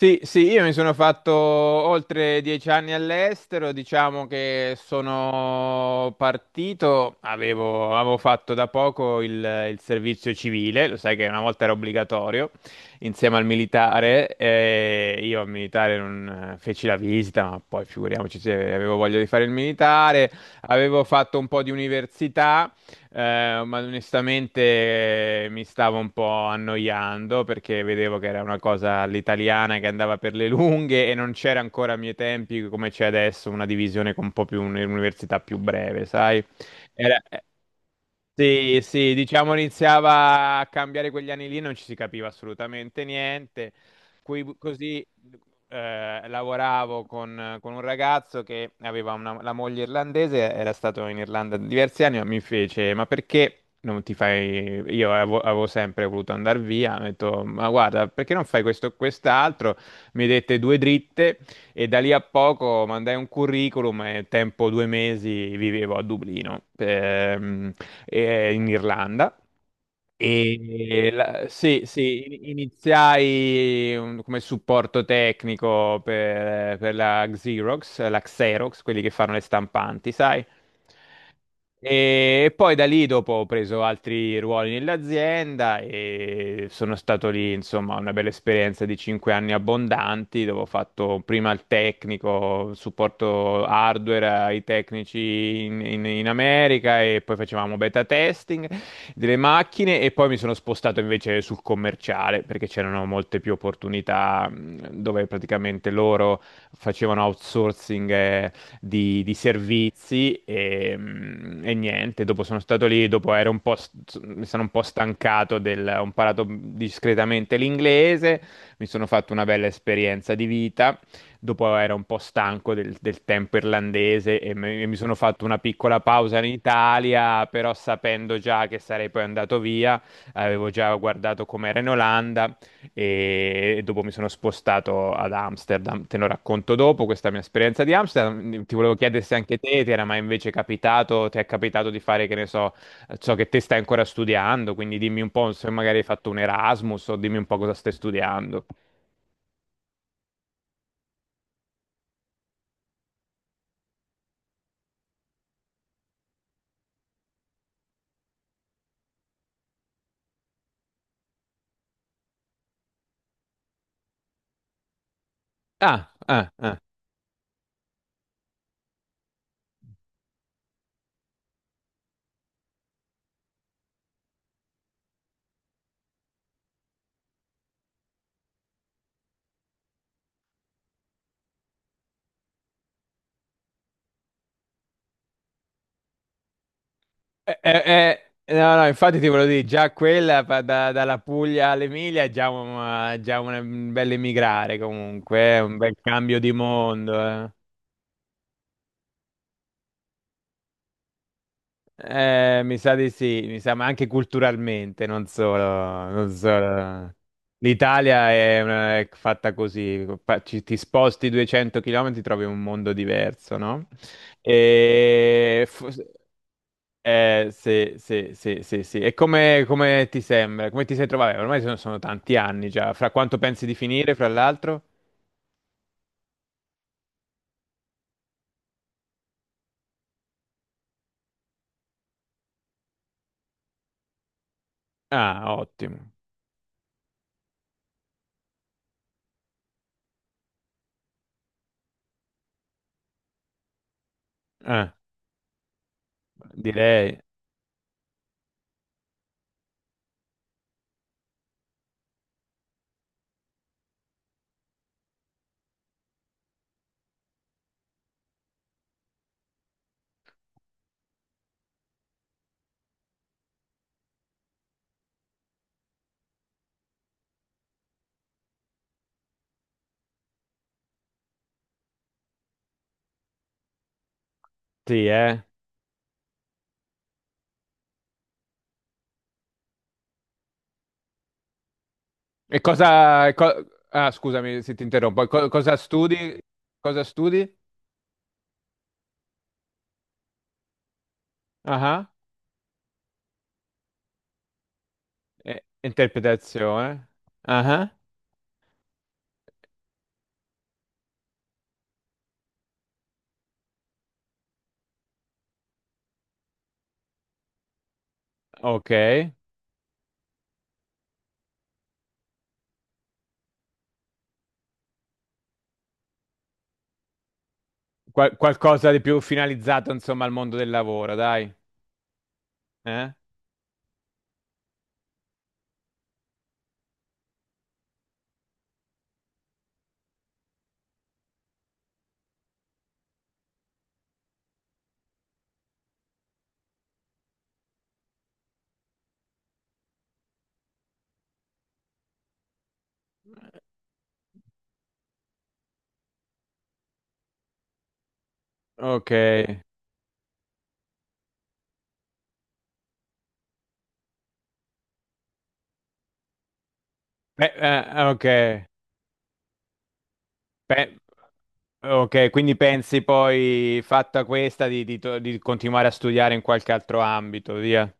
Sì, sì, io mi sono fatto oltre 10 anni all'estero, diciamo che sono partito, avevo fatto da poco il servizio civile. Lo sai che una volta era obbligatorio, insieme al militare, e io al militare non feci la visita, ma poi figuriamoci se avevo voglia di fare il militare. Avevo fatto un po' di università, ma onestamente, mi stavo un po' annoiando perché vedevo che era una cosa all'italiana che andava per le lunghe e non c'era ancora a miei tempi, come c'è adesso, una divisione con un po' più un'università più breve, sai? Era- sì, sì, diciamo iniziava a cambiare quegli anni lì, non ci si capiva assolutamente niente. Così, lavoravo con un ragazzo che aveva la moglie irlandese, era stato in Irlanda diversi anni, ma mi fece, ma perché non ti fai... Io avevo sempre voluto andare via, ho detto, ma guarda, perché non fai questo o quest'altro? Mi dette due dritte e da lì a poco mandai un curriculum e tempo 2 mesi vivevo a Dublino. In Irlanda. Sì, sì, iniziai come supporto tecnico per la Xerox, quelli che fanno le stampanti, sai? E poi da lì dopo ho preso altri ruoli nell'azienda e sono stato lì, insomma, una bella esperienza di 5 anni abbondanti, dove ho fatto prima il tecnico, supporto hardware ai tecnici in America e poi facevamo beta testing delle macchine. E poi mi sono spostato invece sul commerciale perché c'erano molte più opportunità, dove praticamente loro facevano outsourcing di, servizi. E, e niente, dopo sono stato lì, dopo ero un po', mi sono un po' stancato del, ho imparato discretamente l'inglese, mi sono fatto una bella esperienza di vita. Dopo ero un po' stanco del tempo irlandese, e mi sono fatto una piccola pausa in Italia, però sapendo già che sarei poi andato via. Avevo già guardato com'era in Olanda e dopo mi sono spostato ad Amsterdam. Te lo racconto dopo, questa mia esperienza di Amsterdam. Ti volevo chiedere se anche te ti era mai invece capitato, ti è capitato di fare, che ne so, ciò che te stai ancora studiando, quindi dimmi un po' se magari hai fatto un Erasmus o dimmi un po' cosa stai studiando. Ah, ah, ah. No, no, infatti ti volevo dire, già quella dalla Puglia all'Emilia è già un bel emigrare comunque, è un bel cambio di mondo. Mi sa di sì, mi sa, ma anche culturalmente, non solo, non solo. L'Italia è fatta così, ti sposti 200 km, trovi un mondo diverso, no? E... fo- sì, sì, sì, sì, sì. E come ti sembra? Come ti sei trovato? Vabbè, ormai sono tanti anni già, fra quanto pensi di finire, fra l'altro? Ah, ottimo. Eh, direi, sì, eh. E cosa... Ah, scusami se ti interrompo. E cosa studi? Cosa studi? Ah, interpretazione. Ah, ok. Qualcosa di più finalizzato, insomma, al mondo del lavoro, dai. Eh? Ok. Beh, ok. Beh, ok, quindi pensi poi, fatta questa, di continuare a studiare in qualche altro ambito, via.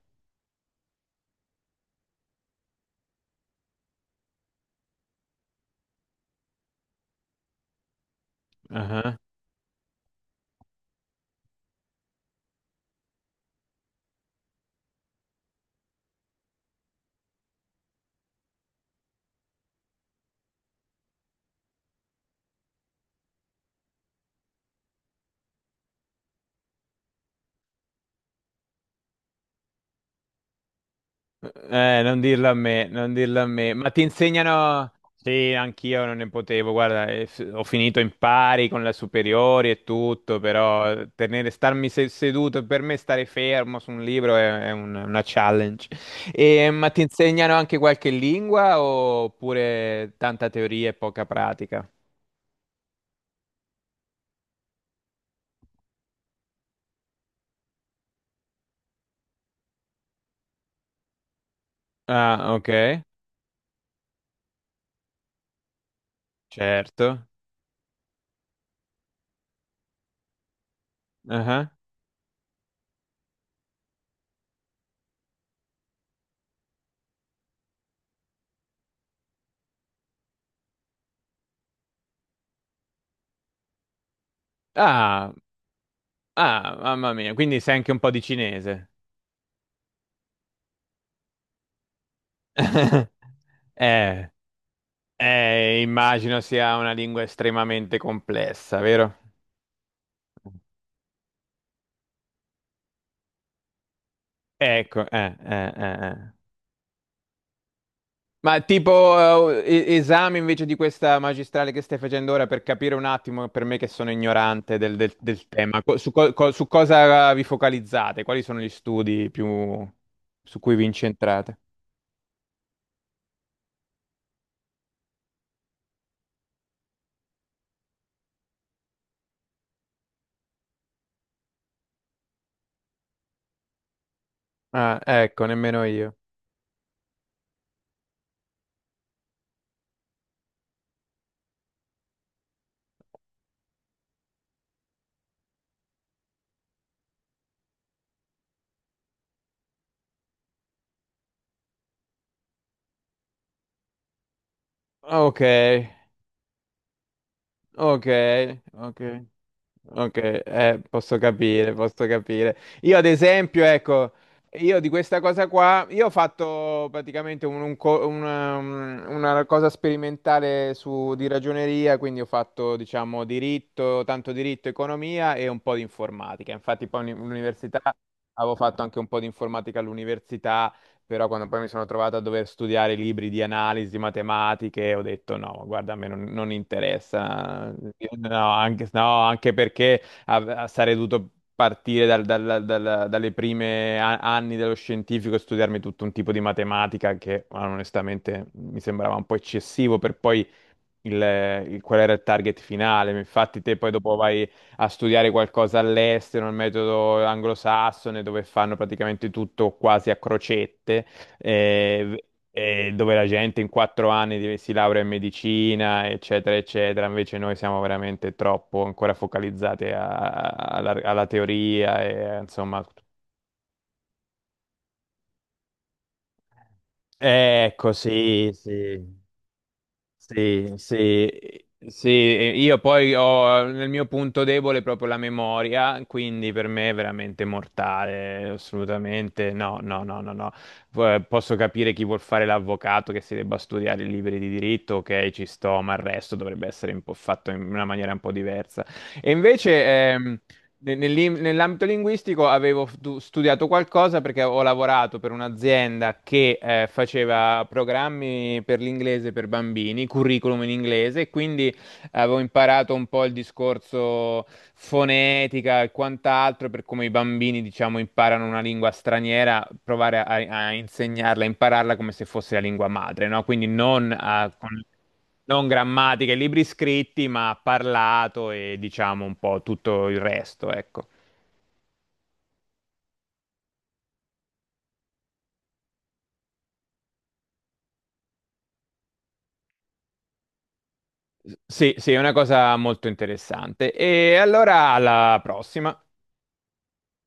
Non dirlo a me, non dirlo a me, ma ti insegnano... Sì, anch'io non ne potevo, guarda, ho finito in pari con le superiori e tutto, però tenere, starmi seduto, per me stare fermo su un libro è una challenge. E, ma ti insegnano anche qualche lingua oppure tanta teoria e poca pratica? Ah, ok, certo. Ah, ah, ah, mamma mia, quindi sai anche un po' di cinese. Eh. Immagino sia una lingua estremamente complessa, vero? Ecco. Ma tipo, esame invece di questa magistrale che stai facendo ora, per capire un attimo, per me che sono ignorante del tema, su cosa vi focalizzate? Quali sono gli studi più su cui vi incentrate? Ah, ecco, nemmeno io. Ok, ok, ok. Ok, posso capire, posso capire. Io ad esempio, ecco, io di questa cosa qua, io ho fatto praticamente una cosa sperimentale su, di ragioneria, quindi ho fatto, diciamo, diritto, tanto diritto, economia e un po' di informatica. Infatti poi all'università avevo fatto anche un po' di informatica all'università. Però quando poi mi sono trovato a dover studiare libri di analisi, matematiche, ho detto no, guarda, a me non interessa. No, anche, no, anche perché sarei dovuto partire dalle prime anni dello scientifico e studiarmi tutto un tipo di matematica che onestamente mi sembrava un po' eccessivo per poi, qual era il target finale. Infatti, te poi dopo vai a studiare qualcosa all'estero, il metodo anglosassone, dove fanno praticamente tutto quasi a crocette, eh, e dove la gente in 4 anni si laurea in medicina, eccetera, eccetera. Invece noi siamo veramente troppo ancora focalizzati alla teoria, e, insomma. Ecco, sì, sì. Sì, sì, sì, io poi ho nel mio punto debole proprio la memoria, quindi per me è veramente mortale, assolutamente no, no, no, no, no. Posso capire chi vuol fare l'avvocato, che si debba studiare i libri di diritto, ok, ci sto, ma il resto dovrebbe essere un po' fatto in una maniera un po' diversa. E invece, ehm, nell'ambito linguistico avevo studiato qualcosa perché ho lavorato per un'azienda che faceva programmi per l'inglese per bambini, curriculum in inglese, e quindi avevo imparato un po' il discorso fonetica e quant'altro per come i bambini, diciamo, imparano una lingua straniera, provare a insegnarla, a impararla come se fosse la lingua madre, no? Quindi non a... con- non grammatiche, libri scritti, ma parlato e diciamo un po' tutto il resto, ecco. Sì, sì, è una cosa molto interessante. E allora alla prossima.